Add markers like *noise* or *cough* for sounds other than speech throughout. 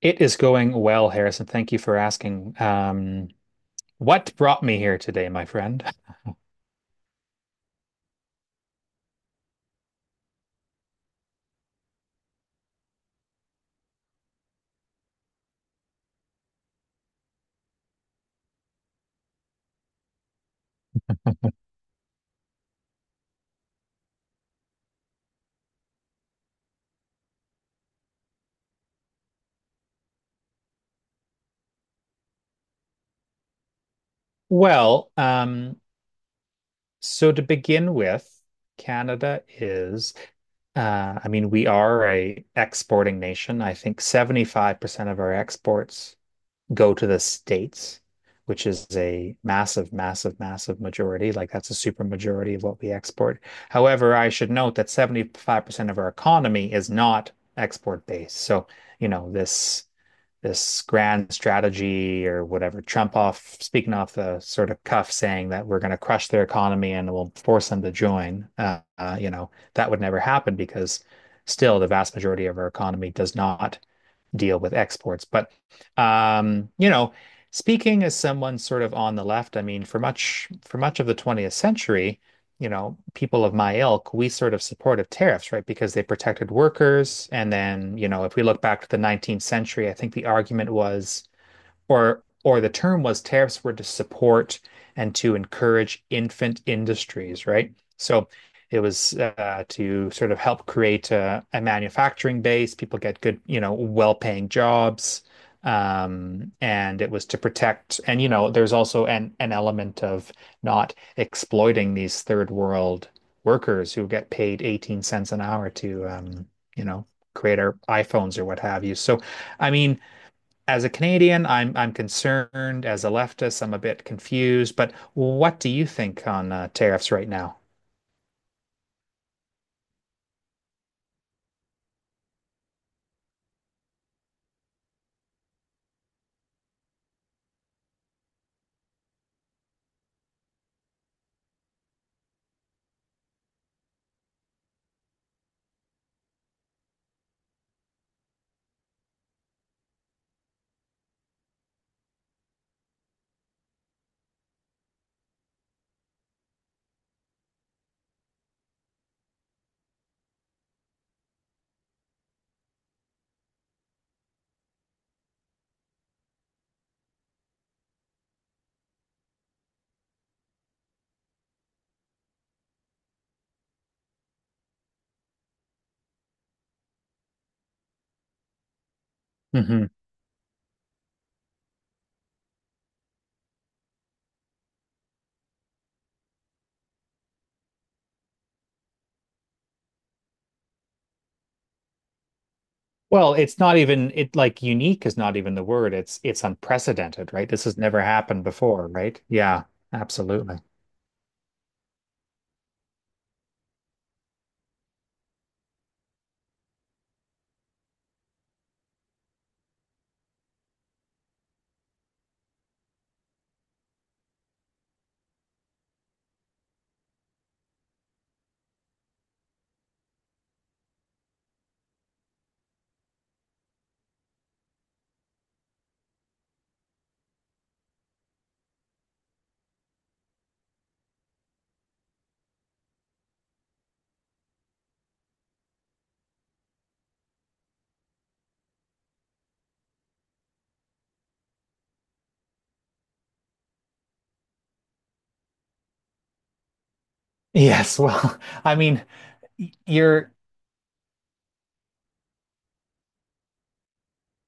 It is going well, Harrison. Thank you for asking. What brought me here today, my friend? *laughs* Well, um, so to begin with, Canada is. I mean, we are a exporting nation. I think 75% of our exports go to the States, which is a massive, massive, massive majority. Like that's a super majority of what we export. However, I should note that 75% of our economy is not export based. So, you know, this grand strategy or whatever. Trump off speaking off the sort of cuff saying that we're going to crush their economy and we'll force them to join. You know, that would never happen because still the vast majority of our economy does not deal with exports. But you know, speaking as someone sort of on the left, I mean, for much of the 20th century, you know, people of my ilk, we sort of supported tariffs, right? Because they protected workers. And then, you know, if we look back to the 19th century, I think the argument was or the term was tariffs were to support and to encourage infant industries, right? So it was to sort of help create a manufacturing base. People get good, you know, well-paying jobs. And it was to protect, and you know, there's also an element of not exploiting these third world workers who get paid 18 cents an hour to, you know, create our iPhones or what have you. So, I mean, as a Canadian, I'm concerned. As a leftist, I'm a bit confused. But what do you think on tariffs right now? Hmm. Well, it's not even it like unique is not even the word. It's unprecedented, right? This has never happened before, right? Yeah, absolutely. Yes, well, *laughs* I mean, y- you're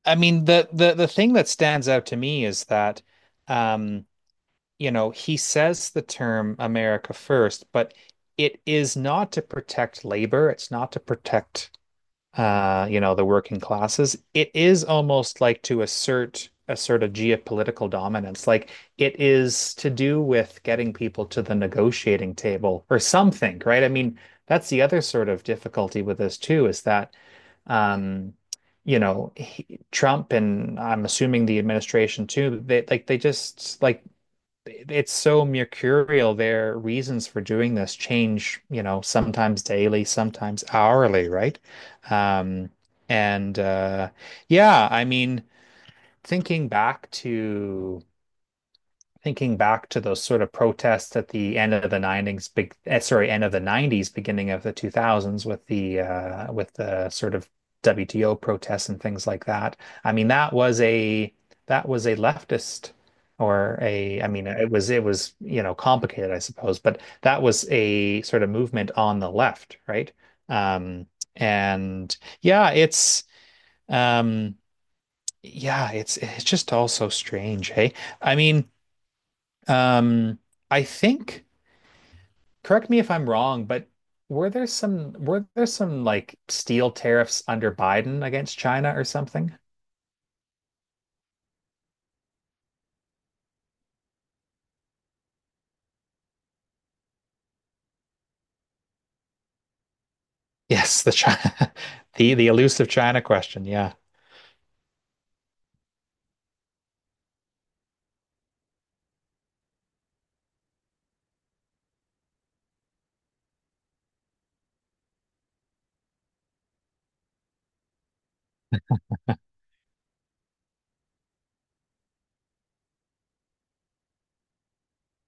I mean the thing that stands out to me is that um, you know, he says the term America first, but it is not to protect labor, it's not to protect you know, the working classes, it is almost like to assert a sort of geopolitical dominance. Like it is to do with getting people to the negotiating table or something, right? I mean, that's the other sort of difficulty with this too, is that um, you know, Trump and I'm assuming the administration too, they like they just like it's so mercurial. Their reasons for doing this change, you know, sometimes daily, sometimes hourly, right? Um, and Yeah, I mean, thinking back to thinking back to those sort of protests at the end of the 90s, big, eh, sorry, end of the 90s, beginning of the 2000s with the sort of WTO protests and things like that. I mean, that was a leftist I mean, it was, you know, complicated, I suppose, but that was a sort of movement on the left, right? Um, and yeah, it's um yeah, it's just all so strange, hey? I mean, um, I think, correct me if I'm wrong, but were there some like steel tariffs under Biden against China or something? Yes, the China, *laughs* the elusive China question. Yeah.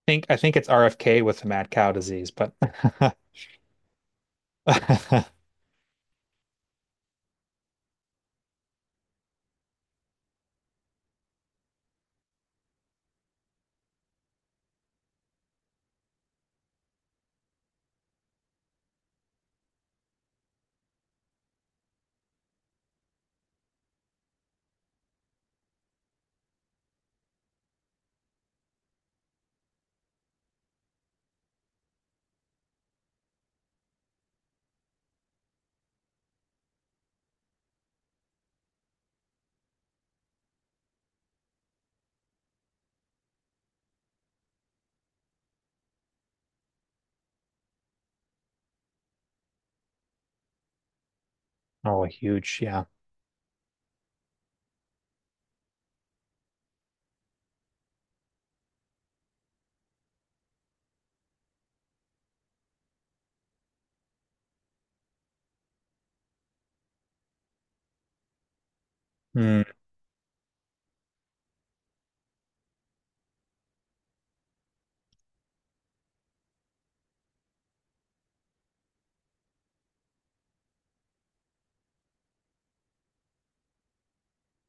think I think it's RFK with the mad cow disease, but *laughs* oh, huge, yeah. Hmm.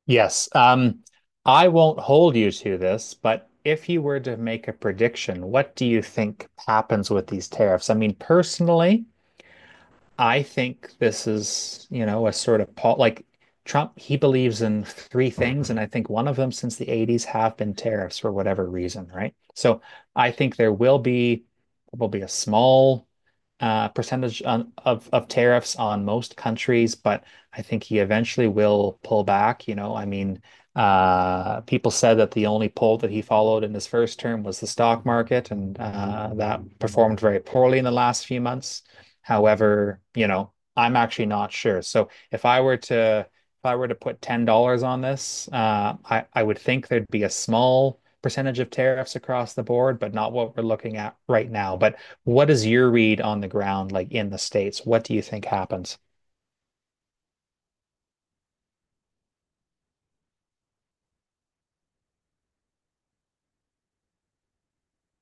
Yes. I won't hold you to this, but if you were to make a prediction, what do you think happens with these tariffs? I mean, personally, I think this is, you know, a sort of Paul, like Trump, he believes in three things. And I think one of them since the 80s have been tariffs for whatever reason, right? So I think there will be probably a small percentage of tariffs on most countries, but I think he eventually will pull back. You know, I mean, people said that the only poll that he followed in his first term was the stock market, and that performed very poorly in the last few months. However, you know, I'm actually not sure. So if I were to put $10 on this, I would think there'd be a small percentage of tariffs across the board, but not what we're looking at right now. But what is your read on the ground, like in the States? What do you think happens?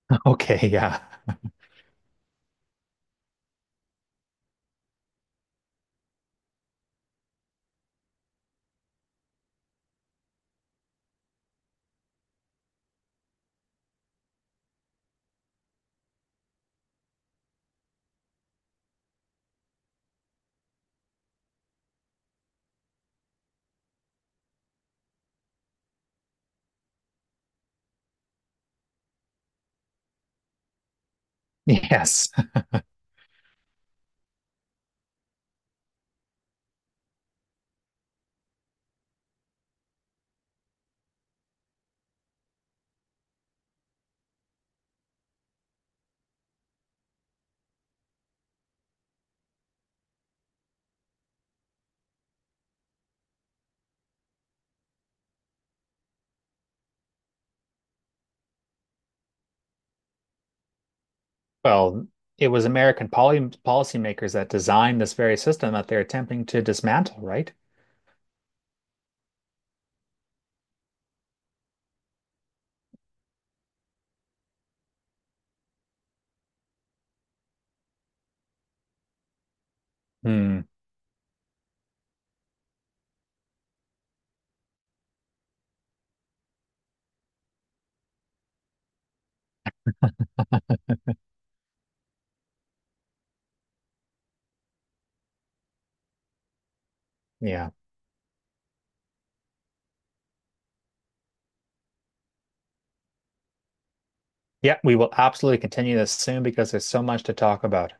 *laughs* Okay, yeah. Yes. Well, it was American poly policymakers that designed this very system that they're attempting to dismantle, right? Hmm. Yeah. Yeah, we will absolutely continue this soon because there's so much to talk about.